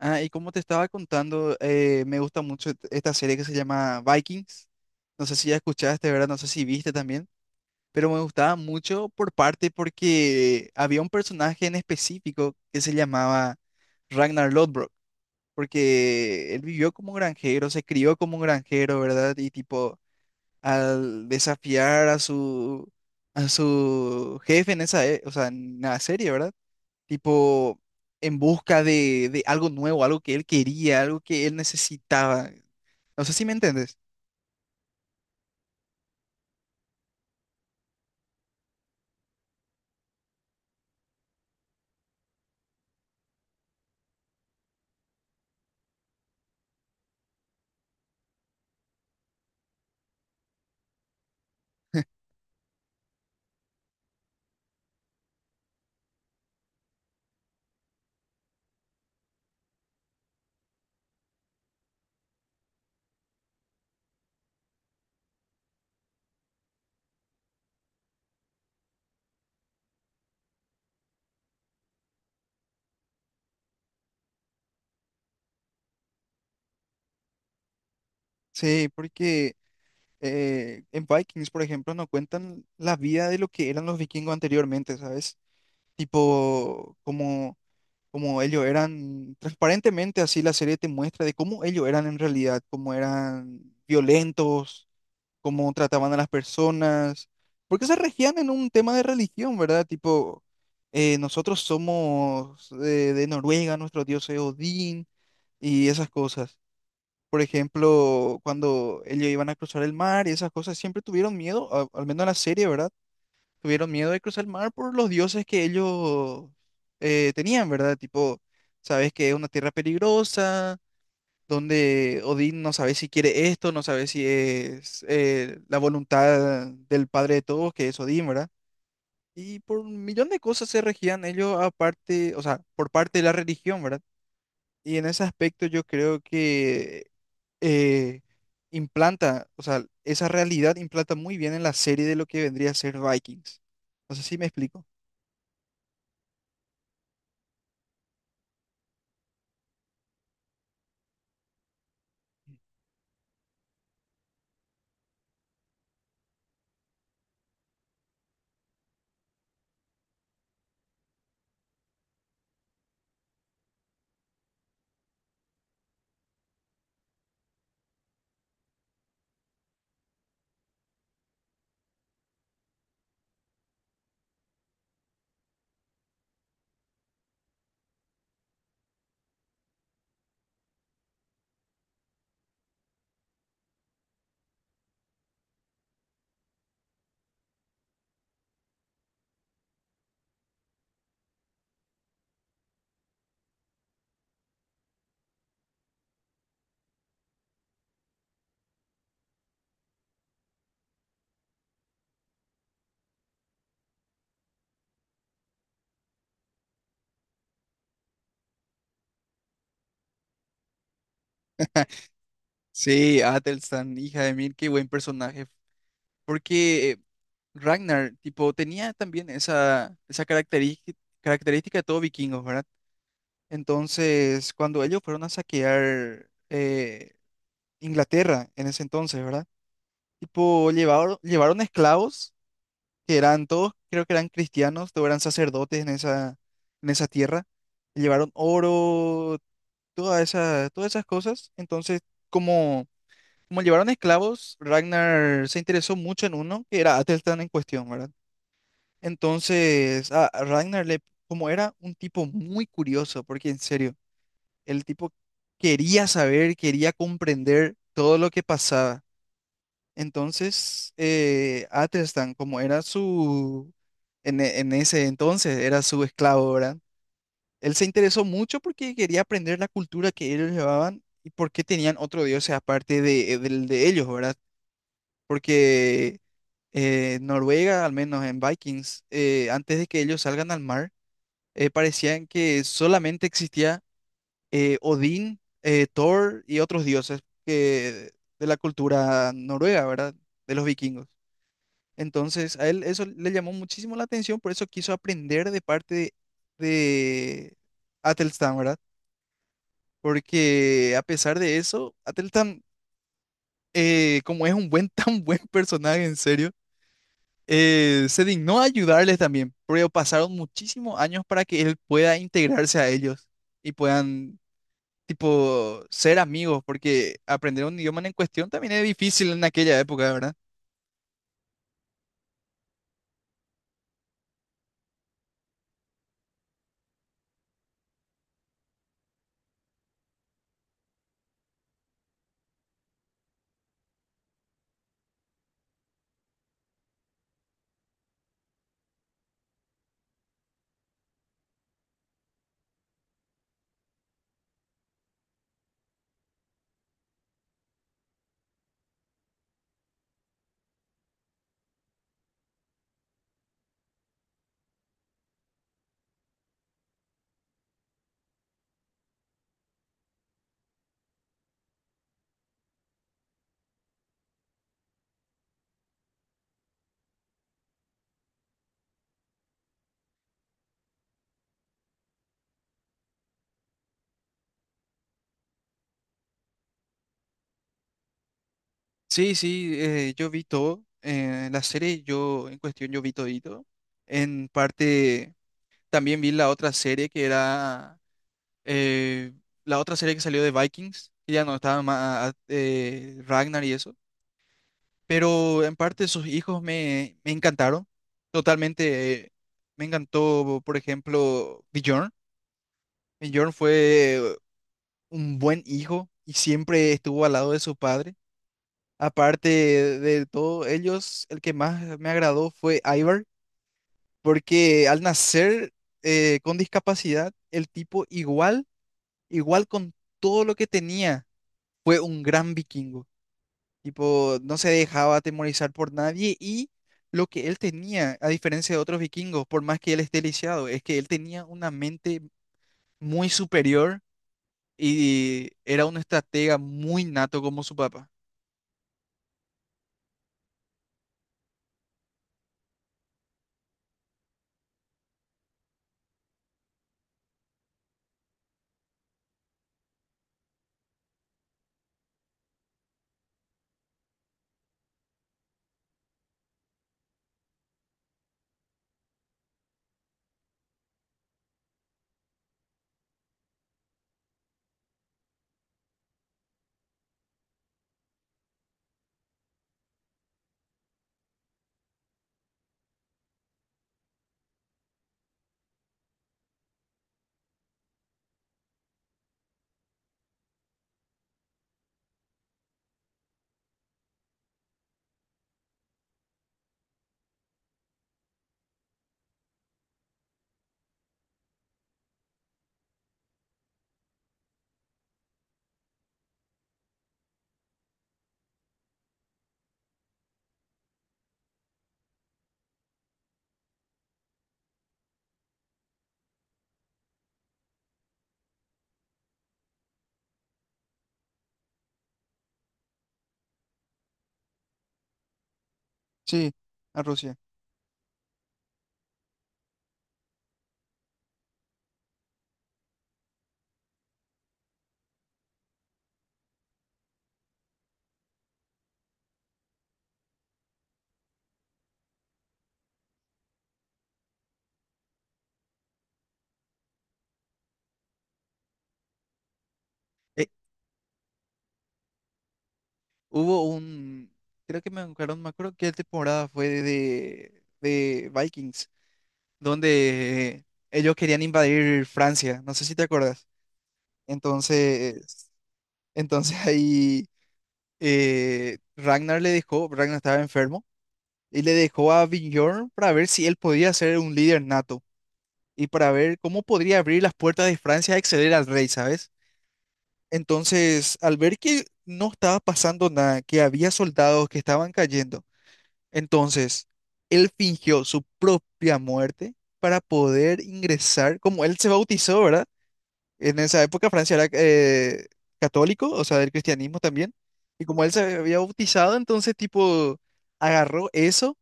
Ah, y como te estaba contando, me gusta mucho esta serie que se llama Vikings. No sé si ya escuchaste, ¿verdad? No sé si viste también, pero me gustaba mucho por parte porque había un personaje en específico que se llamaba Ragnar Lodbrok, porque él vivió como granjero, se crió como granjero, ¿verdad? Y tipo, al desafiar a su jefe en esa, o sea, en la serie, ¿verdad? Tipo, en busca de algo nuevo, algo que él quería, algo que él necesitaba. No sé si me entiendes. Sí, porque en Vikings, por ejemplo, no cuentan la vida de lo que eran los vikingos anteriormente, ¿sabes? Tipo, como, como ellos eran, transparentemente así la serie te muestra de cómo ellos eran en realidad, cómo eran violentos, cómo trataban a las personas, porque se regían en un tema de religión, ¿verdad? Tipo, nosotros somos de Noruega, nuestro dios es Odín y esas cosas. Por ejemplo, cuando ellos iban a cruzar el mar y esas cosas, siempre tuvieron miedo, al menos en la serie, ¿verdad? Tuvieron miedo de cruzar el mar por los dioses que ellos tenían, ¿verdad? Tipo, sabes que es una tierra peligrosa donde Odín no sabe si quiere esto, no sabe si es la voluntad del padre de todos, que es Odín, ¿verdad? Y por un millón de cosas se regían ellos aparte, o sea, por parte de la religión, ¿verdad? Y en ese aspecto yo creo que eh, implanta, o sea, esa realidad implanta muy bien en la serie de lo que vendría a ser Vikings. No sé si me explico. Sí, Athelstan, hija de mil, qué buen personaje. Porque Ragnar, tipo, tenía también esa característica, característica de todo vikingos, ¿verdad? Entonces, cuando ellos fueron a saquear Inglaterra en ese entonces, ¿verdad? Tipo, llevaron esclavos, que eran todos, creo que eran cristianos, todos eran sacerdotes en esa tierra. Llevaron oro, toda esa, todas esas cosas. Entonces, como, como llevaron esclavos, Ragnar se interesó mucho en uno, que era Atelstan en cuestión, ¿verdad? Entonces, a Ragnar le, como era un tipo muy curioso, porque en serio, el tipo quería saber, quería comprender todo lo que pasaba. Entonces, Athelstan, como era su, en, en ese entonces era su esclavo, ¿verdad? Él se interesó mucho porque quería aprender la cultura que ellos llevaban y por qué tenían otro dios aparte de, del de ellos, ¿verdad? Porque Noruega, al menos en Vikings, antes de que ellos salgan al mar, parecían que solamente existía Odín, Thor y otros dioses que, de la cultura noruega, ¿verdad? De los vikingos. Entonces, a él eso le llamó muchísimo la atención, por eso quiso aprender de parte de Atelstan, ¿verdad? Porque a pesar de eso, Atelstan, como es un buen, tan buen personaje, en serio, se dignó a ayudarles también, pero pasaron muchísimos años para que él pueda integrarse a ellos y puedan tipo, ser amigos, porque aprender un idioma en cuestión también es difícil en aquella época, ¿verdad? Sí, sí, yo vi todo, la serie yo en cuestión yo vi todito, en parte también vi la otra serie que era, eh, la otra serie que salió de Vikings, que ya no estaba más, Ragnar y eso, pero en parte sus hijos me, me encantaron, totalmente, me encantó, por ejemplo, Bjorn. Bjorn fue un buen hijo y siempre estuvo al lado de su padre. Aparte de todos ellos, el que más me agradó fue Ivar, porque al nacer con discapacidad, el tipo igual, igual con todo lo que tenía, fue un gran vikingo. Tipo, no se dejaba atemorizar por nadie y lo que él tenía, a diferencia de otros vikingos, por más que él esté lisiado, es que él tenía una mente muy superior y era un estratega muy nato como su papá. Sí, a Rusia. Eh, hubo un, creo que me acuerdo, no me acuerdo qué temporada fue de Vikings, donde ellos querían invadir Francia, no sé si te acuerdas. Entonces, entonces ahí Ragnar le dejó, Ragnar estaba enfermo, y le dejó a Bjorn para ver si él podía ser un líder nato y para ver cómo podría abrir las puertas de Francia a acceder al rey, ¿sabes? Entonces, al ver que no estaba pasando nada, que había soldados que estaban cayendo, entonces él fingió su propia muerte para poder ingresar, como él se bautizó, ¿verdad? En esa época Francia era católico, o sea, del cristianismo también, y como él se había bautizado, entonces tipo agarró eso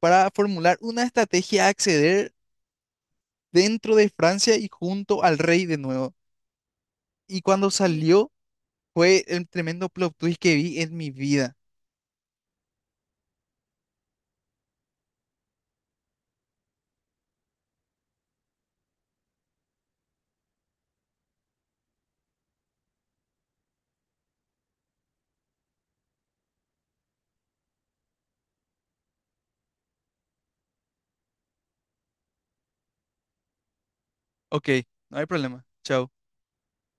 para formular una estrategia a acceder dentro de Francia y junto al rey de nuevo. Y cuando salió, fue el tremendo plot twist que vi en mi vida. Ok, no hay problema. Chao.